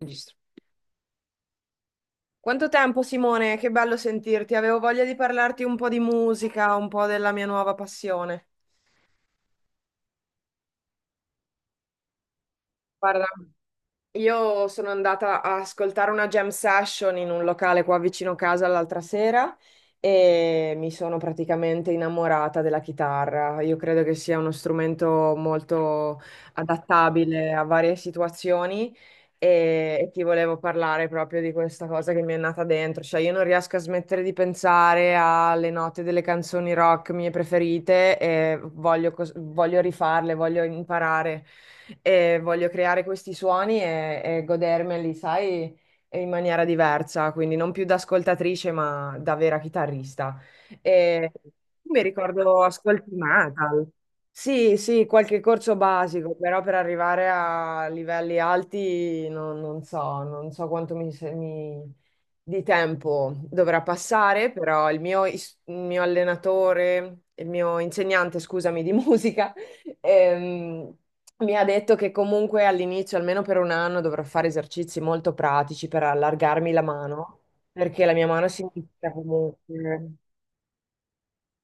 Registro. Quanto tempo, Simone? Che bello sentirti. Avevo voglia di parlarti un po' di musica, un po' della mia nuova passione. Guarda, io sono andata a ascoltare una jam session in un locale qua vicino casa l'altra sera e mi sono praticamente innamorata della chitarra. Io credo che sia uno strumento molto adattabile a varie situazioni e ti volevo parlare proprio di questa cosa che mi è nata dentro. Cioè, io non riesco a smettere di pensare alle note delle canzoni rock mie preferite e voglio voglio rifarle, voglio imparare e voglio creare questi suoni e godermeli, sai, in maniera diversa, quindi non più da ascoltatrice, ma da vera chitarrista. E mi ricordo ascolti metal. Sì, sì, qualche corso basico, però per arrivare a livelli alti non so, non so quanto mi, di tempo dovrà passare, però il mio allenatore, il mio insegnante, scusami, di musica, ehm, mi ha detto che comunque all'inizio, almeno per un anno, dovrò fare esercizi molto pratici per allargarmi la mano, perché la mia mano sinistra comunque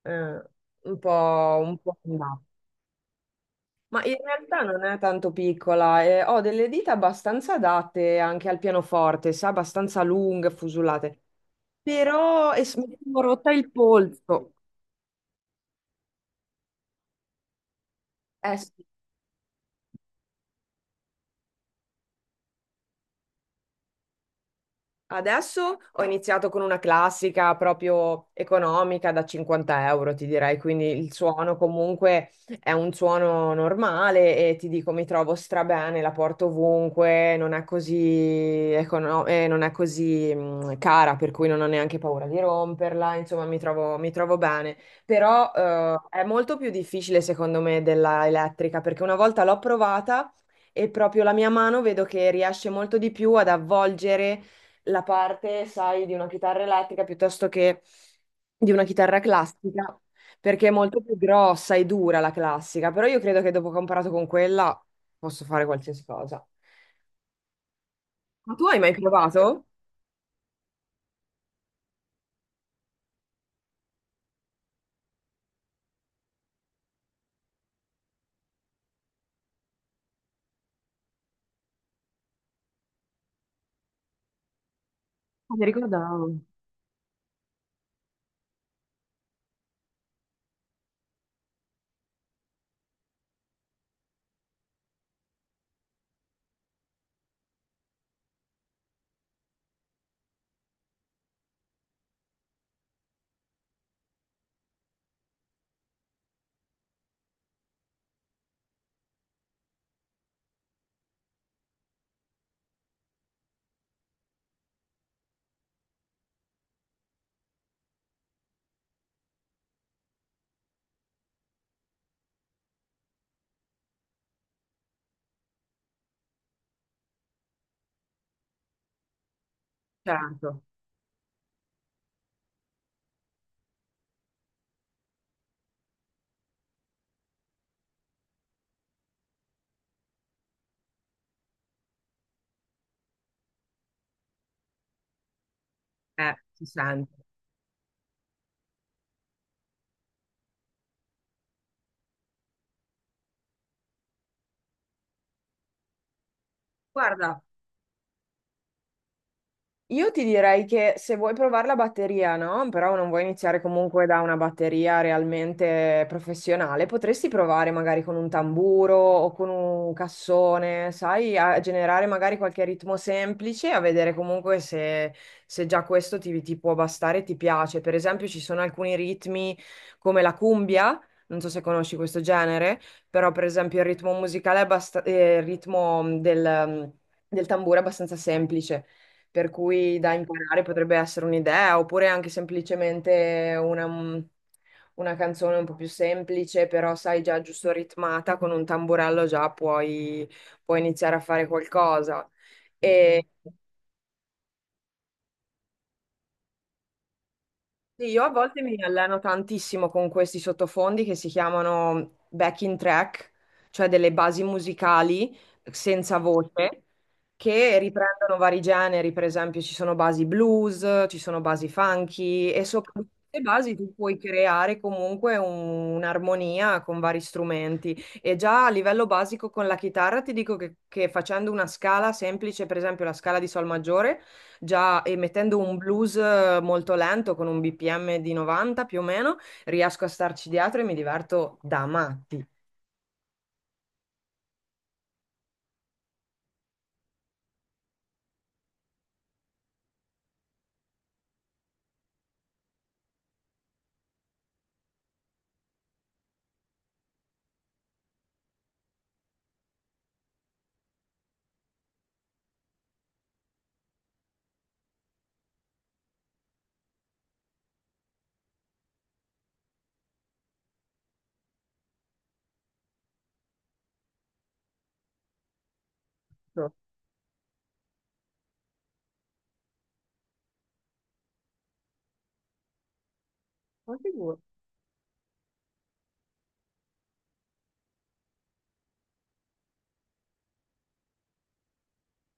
eh, un po' in là. Ma in realtà non è tanto piccola, e ho delle dita abbastanza adatte anche al pianoforte, sa, abbastanza lunghe, fusulate, però mi sono rotta il polso. Eh sì. Adesso ho iniziato con una classica proprio economica da 50 euro, ti direi, quindi il suono comunque è un suono normale e ti dico mi trovo strabene, la porto ovunque, non è così, non è così cara, per cui non ho neanche paura di romperla, insomma mi trovo bene. Però è molto più difficile secondo me della elettrica perché una volta l'ho provata e proprio la mia mano vedo che riesce molto di più ad avvolgere la parte, sai, di una chitarra elettrica piuttosto che di una chitarra classica, perché è molto più grossa e dura la classica, però io credo che dopo che ho imparato con quella posso fare qualsiasi cosa. Ma tu hai mai provato? Ah, mi ricordavo. Certo, si sente. Guarda, io ti direi che se vuoi provare la batteria, no? Però non vuoi iniziare comunque da una batteria realmente professionale, potresti provare magari con un tamburo o con un cassone, sai, a generare magari qualche ritmo semplice, a vedere comunque se, se già questo ti, ti può bastare e ti piace. Per esempio, ci sono alcuni ritmi come la cumbia. Non so se conosci questo genere, però per esempio il ritmo musicale è il ritmo del tamburo è abbastanza semplice per cui da imparare potrebbe essere un'idea, oppure anche semplicemente una, una canzone un po' più semplice, però sai già giusto ritmata, con un tamburello già puoi, puoi iniziare a fare qualcosa. E mhm. Sì, io a volte mi alleno tantissimo con questi sottofondi che si chiamano backing track, cioè delle basi musicali senza voce che riprendono vari generi, per esempio ci sono basi blues, ci sono basi funky e sopra queste basi tu puoi creare comunque un'armonia con vari strumenti e già a livello basico con la chitarra ti dico che facendo una scala semplice, per esempio la scala di sol maggiore. Già, e mettendo un blues molto lento con un BPM di 90 più o meno, riesco a starci dietro e mi diverto da matti. Ma figurati.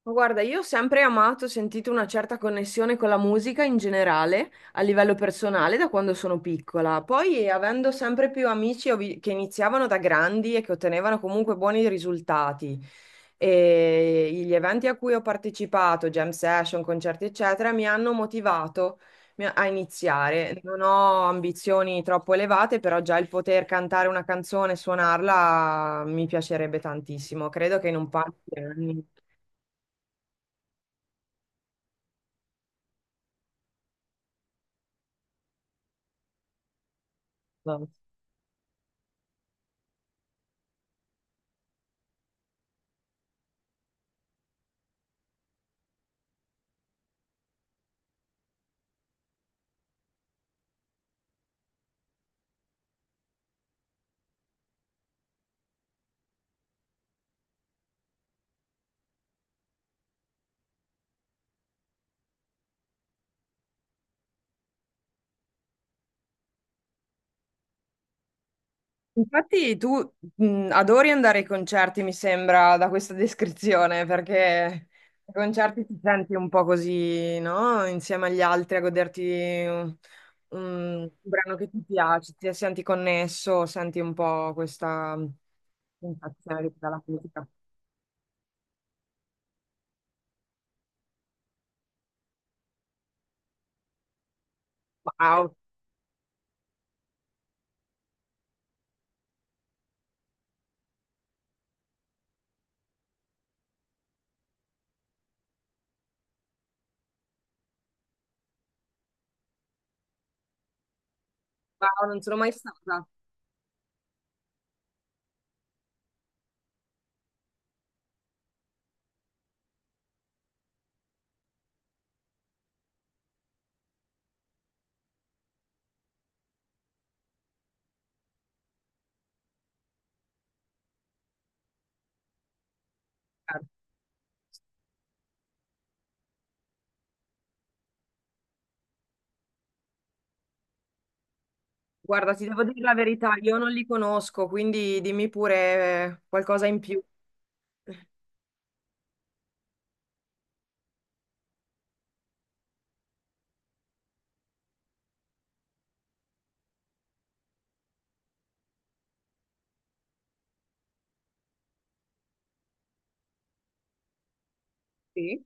Ma guarda, io ho sempre amato, ho sentito una certa connessione con la musica in generale, a livello personale, da quando sono piccola. Poi, avendo sempre più amici che iniziavano da grandi e che ottenevano comunque buoni risultati, e gli eventi a cui ho partecipato, jam session, concerti, eccetera, mi hanno motivato a iniziare. Non ho ambizioni troppo elevate, però già il poter cantare una canzone e suonarla mi piacerebbe tantissimo. Credo che in un paio di anni. Infatti tu adori andare ai concerti, mi sembra, da questa descrizione, perché ai concerti ti senti un po' così, no? Insieme agli altri a goderti un, un brano che ti piace, ti senti connesso, senti un po' questa sensazione che ti dà la musica. Wow, wow, non sono mai stata. Guarda, ti devo dire la verità, io non li conosco, quindi dimmi pure qualcosa in più. Sì,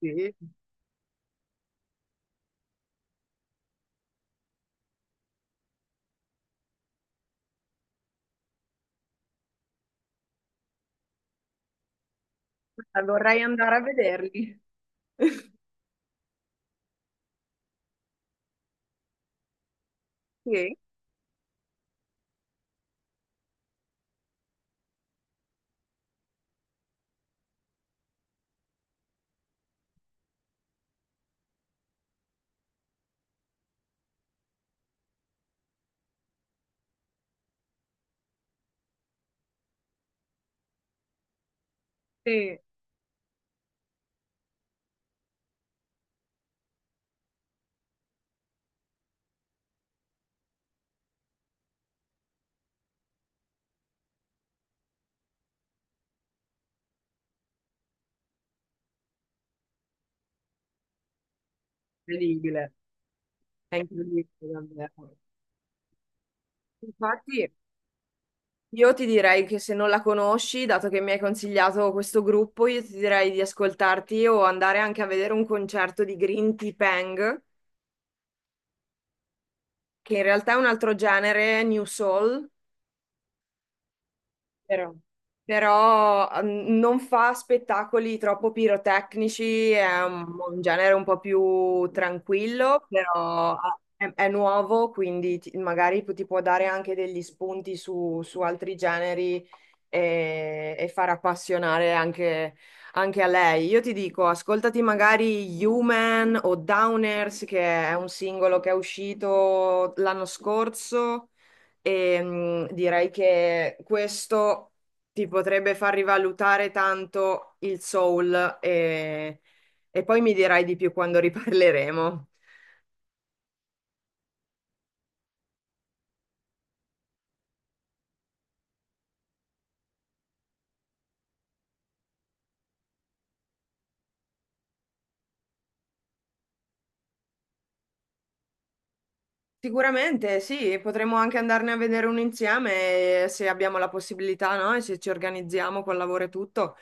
sì. Vorrei andare a vederli. Sì, sì, incredibile, è incredibile davvero. Infatti, io ti direi che se non la conosci, dato che mi hai consigliato questo gruppo, io ti direi di ascoltarti o andare anche a vedere un concerto di Green Tea Peng, che in realtà è un altro genere, New Soul. Vero. Però non fa spettacoli troppo pirotecnici, è un genere un po' più tranquillo, però è nuovo, quindi magari ti può dare anche degli spunti su, su altri generi e far appassionare anche, anche a lei. Io ti dico, ascoltati magari Human o Downers, che è un singolo che è uscito l'anno scorso. E direi che questo ti potrebbe far rivalutare tanto il soul e poi mi dirai di più quando riparleremo. Sicuramente sì, potremmo anche andarne a vedere un insieme se abbiamo la possibilità, no? E se ci organizziamo col lavoro e tutto.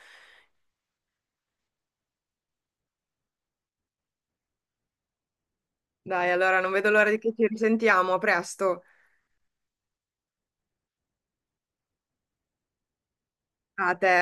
Dai, allora non vedo l'ora di che ci risentiamo. A presto. A te.